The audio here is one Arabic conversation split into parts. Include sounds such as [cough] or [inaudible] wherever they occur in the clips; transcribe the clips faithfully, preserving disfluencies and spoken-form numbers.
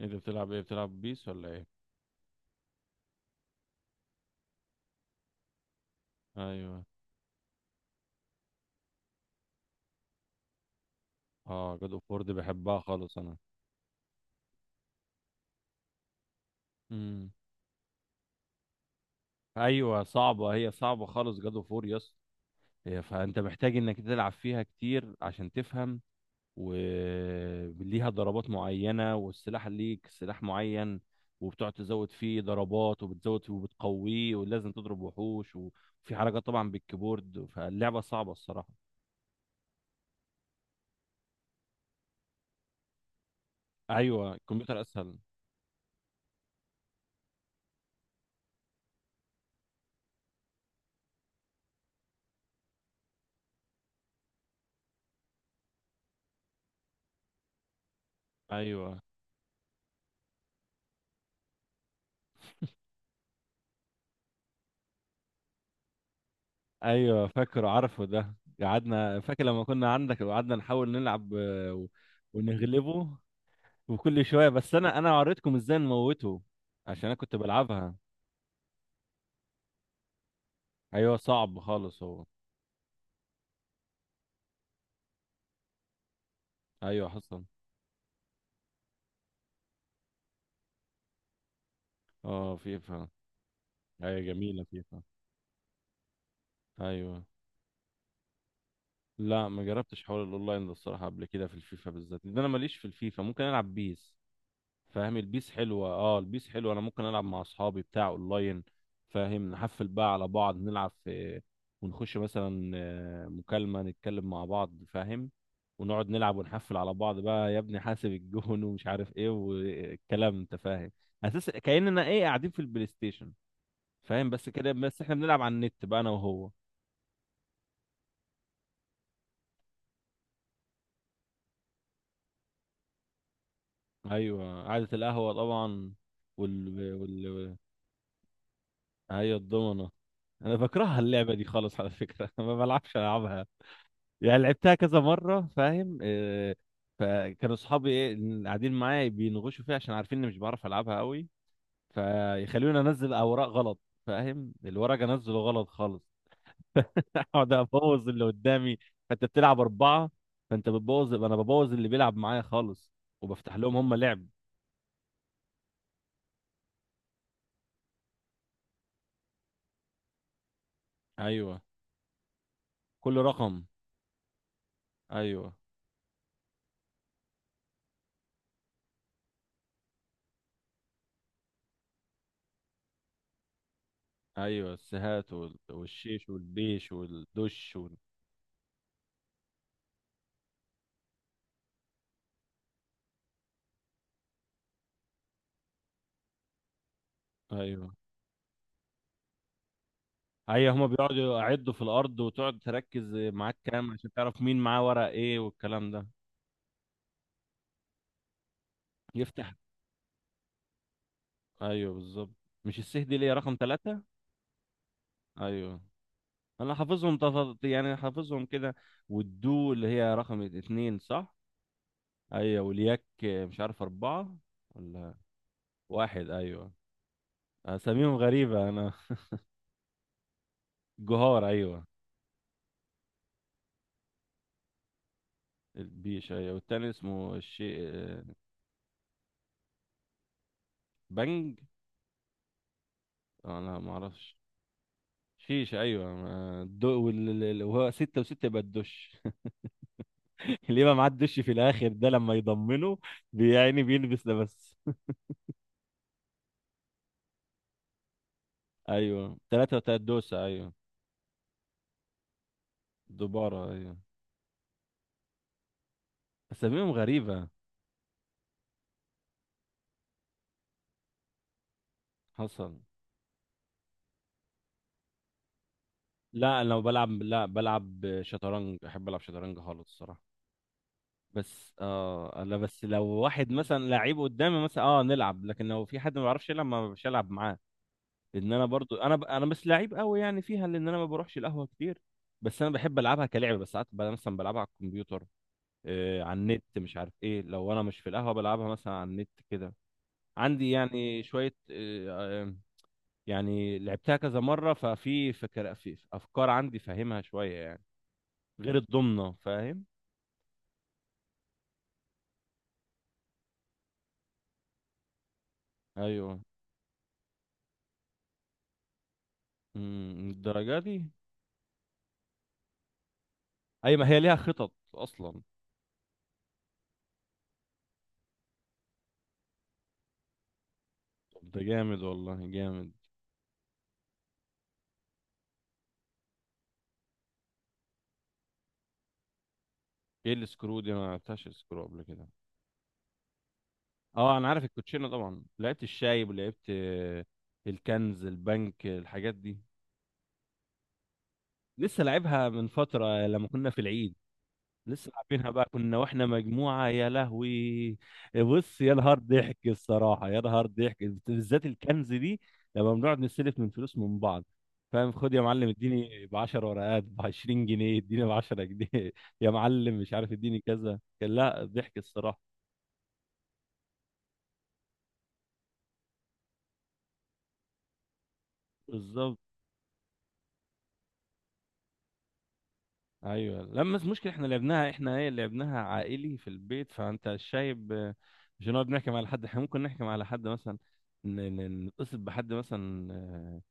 انت بتلعب ايه؟ بتلعب بيس ولا ايه؟ ايوه. اه، جاد اوف وور دي بحبها خالص انا. امم ايوه صعبه، هي صعبه خالص جاد اوف وور يس. هي، فانت محتاج انك تلعب فيها كتير عشان تفهم، وليها ضربات معينه والسلاح ليك سلاح معين، وبتقعد تزود فيه ضربات وبتزود فيه وبتقويه، ولازم تضرب وحوش وفي حركات طبعا بالكيبورد، فاللعبه صعبه الصراحه. ايوه الكمبيوتر اسهل. ايوه. ايوه فاكره عارفه ده، قعدنا فاكر لما كنا عندك وقعدنا نحاول نلعب آه، و- ونغلبه. وكل شويه، بس انا انا وريتكم ازاي نموته عشان انا كنت بلعبها. ايوه صعب خالص هو. ايوه حصل. اه فيفا، ايوه جميله فيفا. ايوه. لا، ما جربتش حوار الاونلاين ده الصراحه قبل كده في الفيفا بالذات، لان انا ماليش في الفيفا، ممكن العب بيس. فاهم، البيس حلوة، اه البيس حلوة، انا ممكن العب مع اصحابي بتاع اونلاين. فاهم، نحفل بقى على بعض نلعب في، ونخش مثلا آه، مكالمة نتكلم مع بعض فاهم، ونقعد نلعب ونحفل على بعض بقى: يا ابني حاسب الجون [laughs] ومش عارف ايه والكلام، انت فاهم، اساس كأننا ايه، قاعدين في البلاي ستيشن. فاهم. بس كده، بس احنا بنلعب على النت بقى انا وهو. ايوه قعدة القهوة طبعا. وال وال ايوه الضمنة. انا بكرهها اللعبة دي خالص على فكرة [laughs] ما بلعبش، العبها يعني لعبتها كذا مرة فاهم. آه، فكانوا صحابي ايه اللي قاعدين معايا بينغشوا فيها عشان عارفين اني مش بعرف العبها قوي، فيخلوني انزل اوراق غلط. فاهم، الورق انزله غلط خالص [laughs] اقعد ابوظ اللي قدامي. فانت بتلعب اربعة، فانت بتبوظ، انا ببوظ اللي بيلعب معايا خالص وبفتح لهم هم لعب. ايوه كل رقم. ايوه ايوه السهات وال- والشيش والبيش والدش وال... ايوه. ايوه هما بيقعدوا يعدوا في الارض وتقعد تركز معاك كام عشان تعرف مين معاه ورق ايه والكلام ده. يفتح، ايوه بالظبط. مش السه دي ليه رقم ثلاثة؟ ايوه. انا حافظهم تف... يعني حافظهم كده، والدو اللي هي رقم اتنين صح؟ ايوه. والياك مش عارف اربعة ولا واحد، ايوه. اساميهم غريبة انا. جهار، ايوه. البيش، ايوه، والتاني اسمه الشيء. بنج. انا ما اعرفش. شيش، ايوه، ما- الدو وال- ال- ال- وهو ستة وستة يبقى الدش. [laughs] اللي يبقى معاه الدش في الاخر ده لما يضمنه بيعني بيلبس ده بس. ايوه ثلاثة وتلات دوسة، ايوه. دبارة، ايوه. اساميهم غريبة. حصل. لا لو بلعب، لا بلعب شطرنج، احب العب شطرنج خالص الصراحة. بس اه، لا، بس لو واحد مثلا لعيب قدامي مثلا، اه نلعب، لكن لو في حد ما بيعرفش يلعب ما بش العب معاه. ان انا برضو انا ب... انا مش لعيب قوي يعني فيها لان انا ما بروحش القهوه كتير، بس انا بحب العبها كلعبه، بس ساعات بقى مثلا بلعبها على الكمبيوتر. آه على النت، مش عارف ايه، لو انا مش في القهوه بلعبها مثلا على النت كده. عندي يعني شويه آه، آه، يعني لعبتها كذا مره ففي فكر في في افكار عندي، فاهمها شويه يعني، غير الضمنه فاهم. ايوه. امم الدرجه دي، اي ما هي ليها خطط اصلا. طب ده جامد، والله جامد. ايه السكرو دي؟ انا ما لعبتهاش سكرو قبل كده. اه انا عارف الكوتشينه طبعا، لعبت الشايب ولعبت آه، الكنز، البنك، الحاجات دي. لسه لعبها من فتره لما كنا في العيد، لسه لعبينها بقى كنا واحنا مجموعه، يا لهوي. بص يا نهار ضحك الصراحه، يا نهار ضحك، بالذات الكنز دي. لما بنقعد نستلف من فلوس من بعض، فاهم، خد يا معلم اديني ب عشرة ورقات، ب عشرين جنيه اديني، ب عشرة جنيه [laughs] يا معلم، مش عارف اديني كذا، كان لا ضحك الصراحه. بالظبط. ايوه، لما، بس المشكله احنا لعبناها احنا، ايه، لعبناها عائلي في البيت، فانت شايب آه، مش هنقعد نحكم على حد، احنا ممكن نحكم على حد مثلا، ن- ن- نتصل بحد مثلا آه،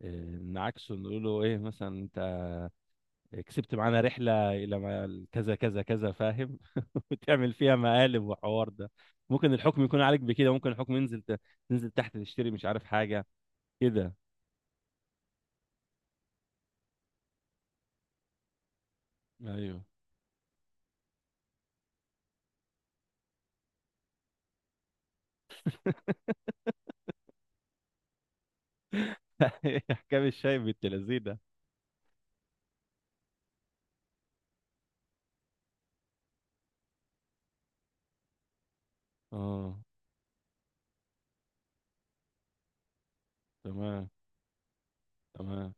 آه، نعاكسه نقول له ايه مثلا: انت كسبت معانا رحله الى ما- كذا كذا كذا، فاهم. [laughs] وتعمل فيها مقالب وحوار ده، ممكن الحكم يكون عليك بكده، ممكن الحكم ينزل ت- تنزل تحت تشتري مش عارف حاجه كده. ايوه. [laughs] احكام الشايب بالتلازينه. اه. تمام. تمام.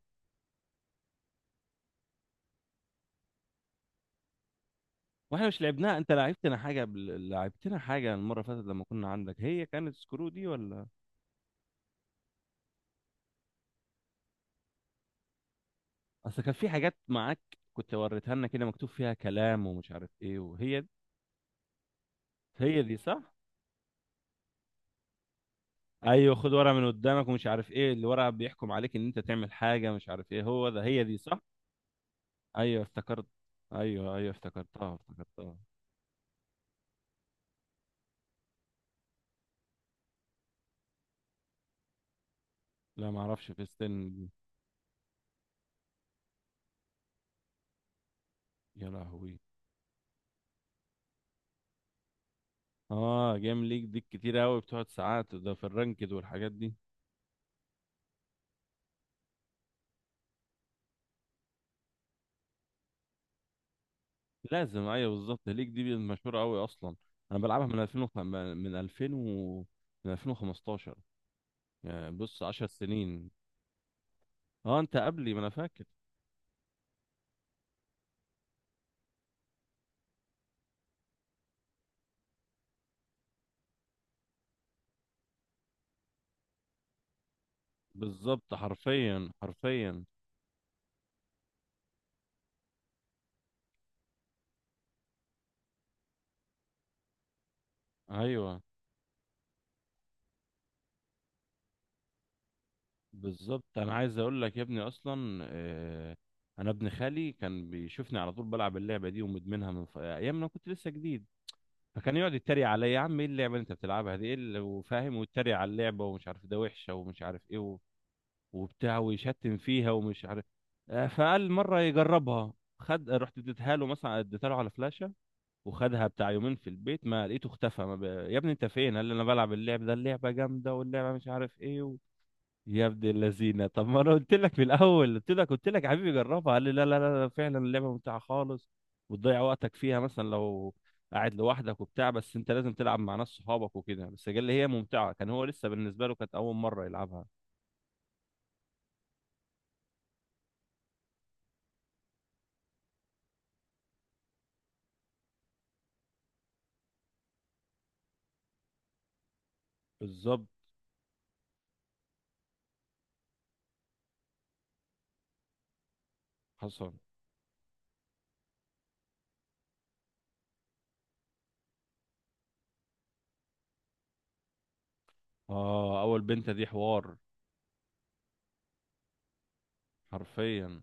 واحنا مش لعبناها، انت لعبتنا حاجه بال- لعبتنا حاجه المره اللي فاتت لما كنا عندك، هي كانت سكرو دي ولا؟ اصل كان في حاجات معاك كنت وريتها لنا كده، مكتوب فيها كلام ومش عارف ايه، وهي دي-، هي دي صح. ايوه خد ورقه من قدامك، ومش عارف ايه اللي ورقه بيحكم عليك ان انت تعمل حاجه مش عارف ايه، هو ده، هي دي صح. ايوه افتكرت، ايوه ايوه افتكرتها افتكرتها. لا ما اعرفش في ستين دي. يا لهوي. اه جيم ليك دي كتير قوي بتقعد ساعات، ده في الرانكد والحاجات دي. لازم، ايوه بالظبط، ليك دي مشهوره قوي اصلا. انا بلعبها من ألفين وخ... من ألفين و... من ألفين وخمستاشر. يعني بص 10 سنين. اه انت قبلي ما انا فاكر. بالظبط، حرفيا حرفيا. ايوه بالظبط. انا عايز اقول لك يا ابني، اصلا آه... انا ابن خالي كان بيشوفني على طول بلعب اللعبه دي ومدمنها من ف... ايام ما كنت لسه جديد، فكان يقعد يتريق عليا: يا عم ايه اللعبه اللي انت بتلعبها دي، ايه اللي…، وفاهم، ويتريق على اللعبه ومش عارف ده وحشه ومش عارف ايه و... وبتاع، ويشتم فيها ومش عارف. آه، فقال مره يجربها، خد رحت اديتها له، مثلا اديتها له على فلاشه، وخدها بتاع يومين في البيت، ما لقيته اختفى ما ب... يا ابني انت فين؟ قال لي انا بلعب اللعب ده، اللعبه جامده واللعبه مش عارف ايه و... يا ابن اللذينه، طب ما انا قلت لك في الاول، قلت لك قلت لك يا حبيبي جربها، قال لي لا لا لا لا، فعلا اللعبه ممتعه خالص وتضيع وقتك فيها مثلا لو قاعد لوحدك وبتاع، بس انت لازم تلعب مع ناس صحابك وكده، بس قال لي هي ممتعه، كان هو لسه بالنسبه له كانت اول مره يلعبها. بالظبط. حصل. اه اول بنت دي حوار. حرفيا.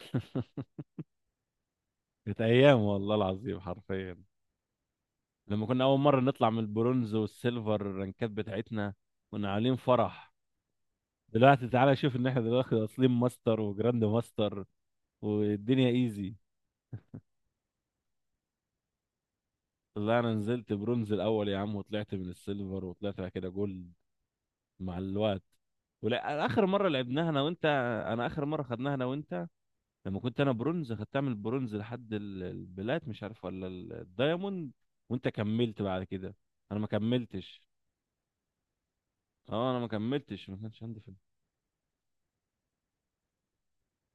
[laughs] كانت ايام والله العظيم حرفيا. لما كنا اول مره نطلع من البرونز والسيلفر الرنكات بتاعتنا، كنا عاملين فرح. دلوقتي تعالى شوف ان احنا دلوقتي واصلين ماستر وجراند ماستر. والدنيا ايزي. لا، انا نزلت برونز الاول يا عم، وطلعت من السيلفر وطلعت بعد كده جولد مع الوقت. ولا اخر مره لعبناها انا وانت، انا اخر مره خدناها انا وانت لما كنت انا برونز، خدتها من البرونز لحد ال- البلات، مش عارف ولا ال- الدايموند، وانت كملت بعد كده. انا ما كملتش. اه انا ما كملتش، ما كانش عندي فيلم.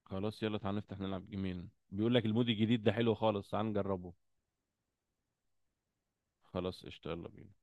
خلاص يلا تعال نفتح نلعب جيمين، بيقول لك المود الجديد ده حلو خالص، تعال نجربه. خلاص قشطة يلا بينا.